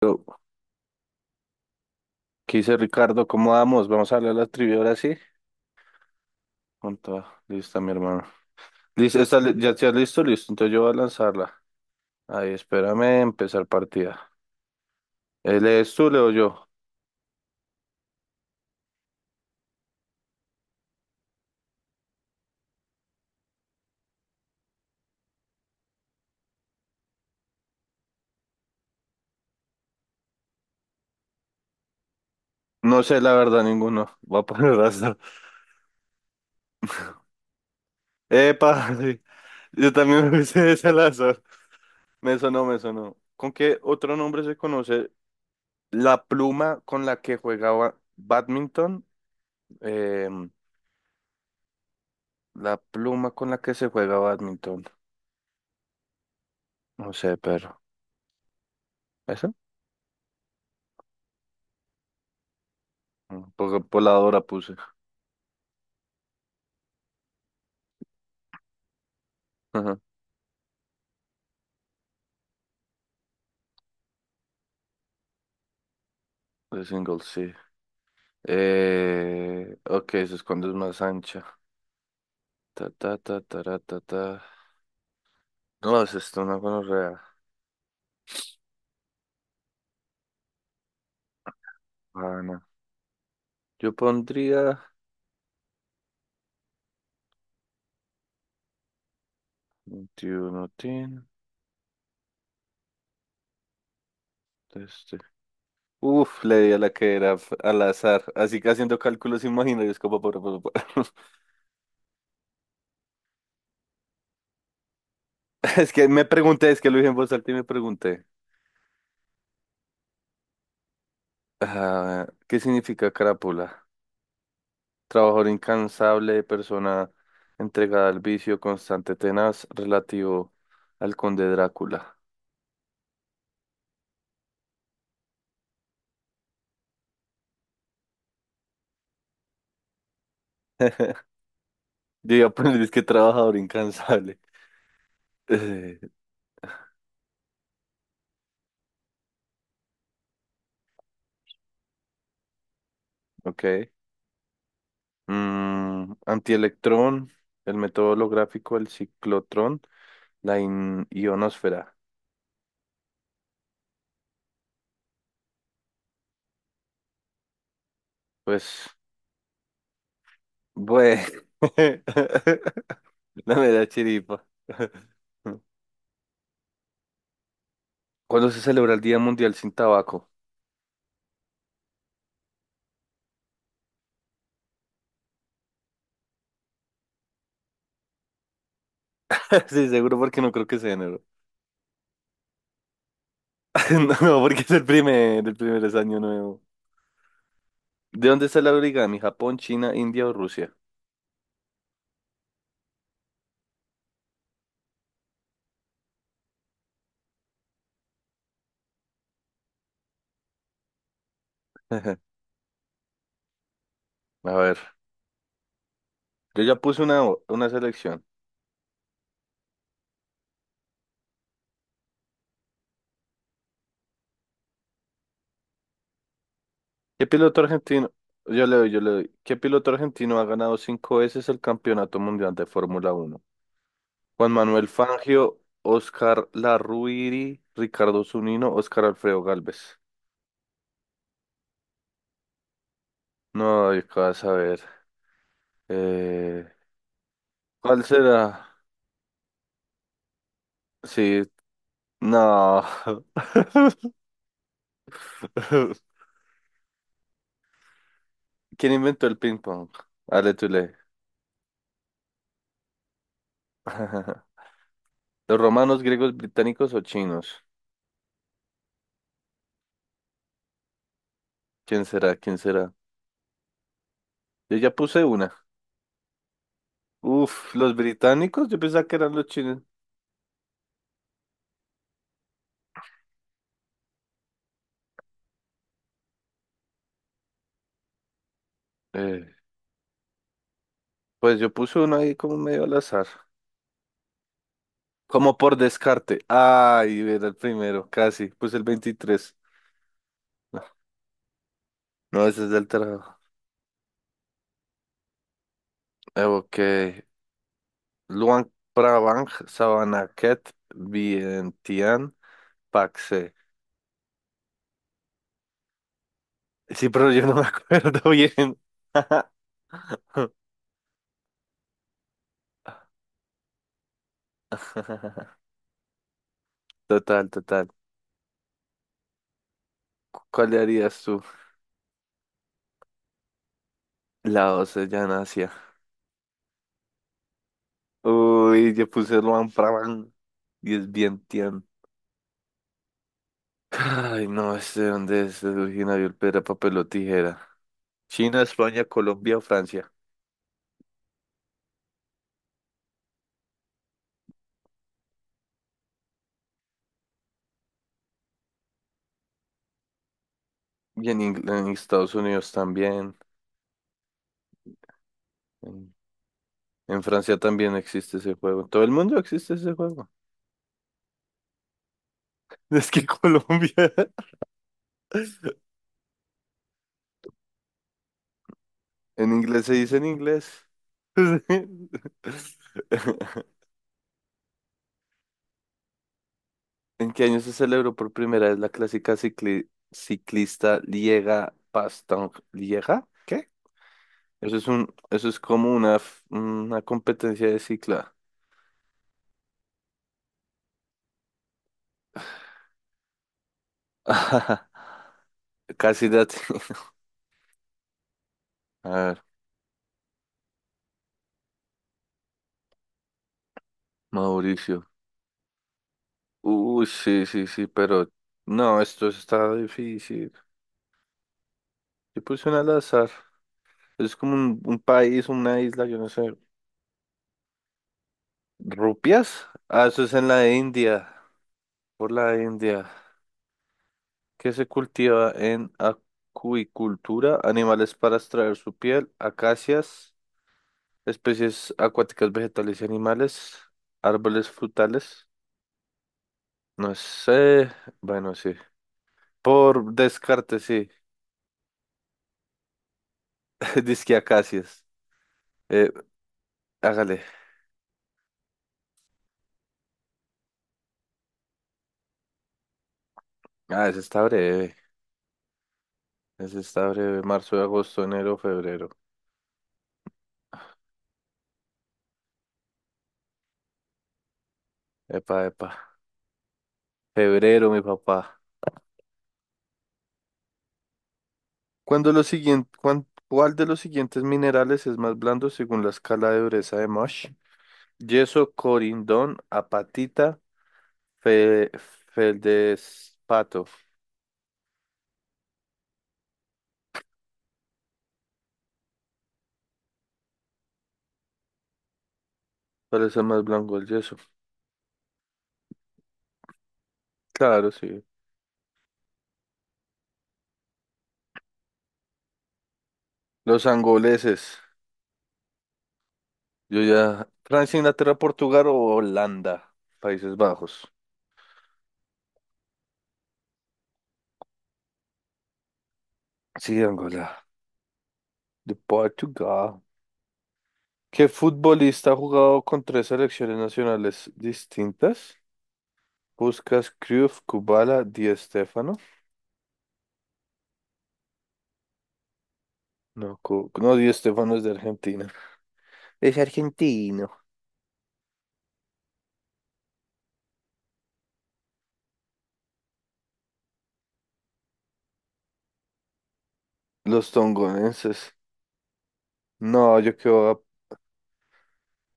Yo, ¿qué dice Ricardo? ¿Cómo vamos? Vamos a hablar de la trivia ahora sí. Con toda. Lista, mi hermano. Listo, ¿ya estás listo? Listo. Entonces yo voy a lanzarla. Ahí, espérame, empezar partida. ¿Lees tú, leo yo? No sé, la verdad, ninguno. Voy a poner al azar. ¡Epa! Sí. Yo también me hice ese al azar. Me sonó, me sonó. ¿Con qué otro nombre se conoce la pluma con la que jugaba badminton? Em, la pluma con la que se juega badminton. No sé, pero. Poca voladora puse. Ajá. De single, sí. Ok, eso es cuando es más ancha. Ta, ta, ta, ta, ta, ta. No, es esto una gonorrea. Ah, no. Yo pondría 21, tin, este. Uf, le di a la que era al azar. Así que haciendo cálculos imaginarios como Es que me pregunté, es que lo dije en voz alta y me pregunté. Ah, ¿qué significa crápula? Trabajador incansable, persona entregada al vicio, constante, tenaz, relativo al conde Drácula. Yo iba a poner, es que trabajador incansable. Eh, ok. Antielectrón, el método holográfico, el ciclotrón, la ionosfera. Pues, bueno, no me da chiripa. ¿Cuándo se celebra el Día Mundial sin Tabaco? Sí, seguro porque no creo que sea enero. No, no, porque es el primer es año nuevo. ¿De dónde está la origami? ¿Japón, China, India o Rusia? A ver, yo ya puse una selección. ¿Qué piloto argentino? Yo le doy, yo le doy. ¿Qué piloto argentino ha ganado cinco veces el Campeonato Mundial de Fórmula Uno? Juan Manuel Fangio, Oscar Larruiri, Ricardo Zunino, Oscar Alfredo Gálvez. No, yo qué vas a ver. Eh, ¿Cuál será? Sí, no. ¿Quién inventó el ping pong? Ale, tú lee. ¿Los romanos, griegos, británicos o chinos? ¿Quién será? ¿Quién será? Yo ya puse una. Uf, los británicos, yo pensaba que eran los chinos. Eh, pues yo puse uno ahí como medio al azar. Como por descarte. Ay, era el primero, casi. Puse el 23. No, no, ese es del trabajo. Ok. Luang Prabang, Savanaket, Vientiane, Paxe. Sí, pero yo no me acuerdo bien. Total, total. ¿Cuál le harías tú? La 12 ya Oceanasia. Uy, yo puse Luan Prabang y es bien Tian. Ay, no, ¿dónde es originario el piedra, papel o tijera? China, España, Colombia o Francia. Y en Estados Unidos también. En, en Francia también existe ese juego. En todo el mundo existe ese juego. Es que Colombia. En inglés se dice en inglés. ¿En qué año se celebró por primera vez la clásica ciclista Liega Bastogne? ¿Liega? ¿Qué? Eso es como una, una competencia de cicla. Casi date. A ver, Mauricio. Uy, sí, sí, sí, pero no, esto está difícil. Yo puse una al azar. Es como un país, una isla, yo no sé. ¿Rupias? Ah, eso es en la India. Por la India. Que se cultiva en acuicultura, animales para extraer su piel, acacias, especies acuáticas, vegetales y animales, árboles frutales, no sé, bueno, sí, por descarte, sí, disque acacias, eh, hágale, ah, ese está breve, marzo, agosto, enero, febrero, epa, epa, febrero, mi papá. ¿Cuándo lo siguiente, cuál de los siguientes minerales es más blando según la escala de dureza de Mosh? Yeso, corindón, apatita, fe, feldespato. Parece más blanco el yeso. Claro, sí. Los angoleses. Yo ya. Francia, Inglaterra, Portugal o Holanda. Países Bajos. Sí, Angola. De Portugal. ¿Qué futbolista ha jugado con tres selecciones nacionales distintas? ¿Buscas Cruyff, Kubala, Di Stéfano? No, no, Di Stéfano es de Argentina. Es argentino. Los tongonenses. No, yo quedo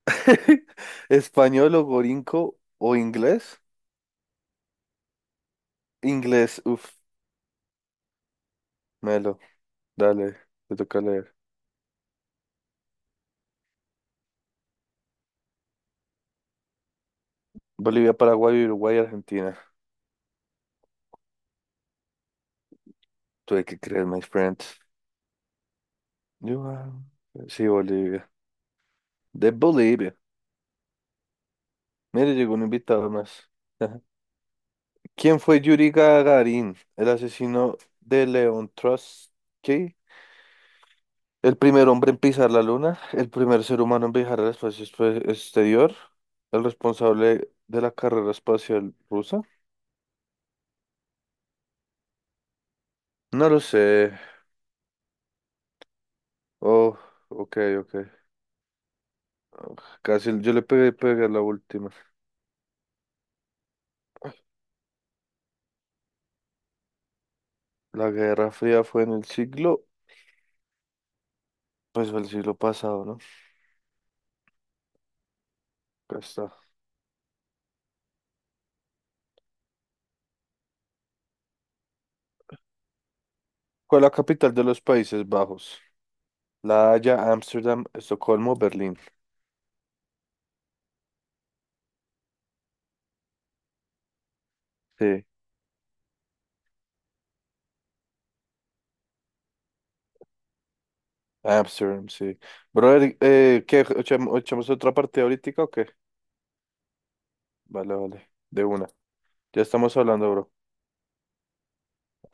español o gorinco o inglés. Inglés, uff, Melo, dale, te toca leer. Bolivia, Paraguay, Uruguay, Argentina. Tuve que creer, my friend. You are- Sí, Bolivia. De Bolivia. Mire, llegó un invitado más. ¿Quién fue Yuri Gagarin, el asesino de León Trotsky? El primer hombre en pisar la luna, el primer ser humano en viajar al espacio exterior, el responsable de la carrera espacial rusa. No lo sé. Oh, ok, ok. Ugh, casi yo le pegué a la última. La Guerra Fría fue en el siglo, pues fue el siglo pasado, ¿no? Acá está. ¿Cuál es la capital de los Países Bajos? La Haya, Ámsterdam, Estocolmo, Berlín. Sí, Ámsterdam, sí. Brother, ¿qué? ¿Echamos otra partida ahorita o qué? Vale, vale. De una. Ya estamos hablando, bro.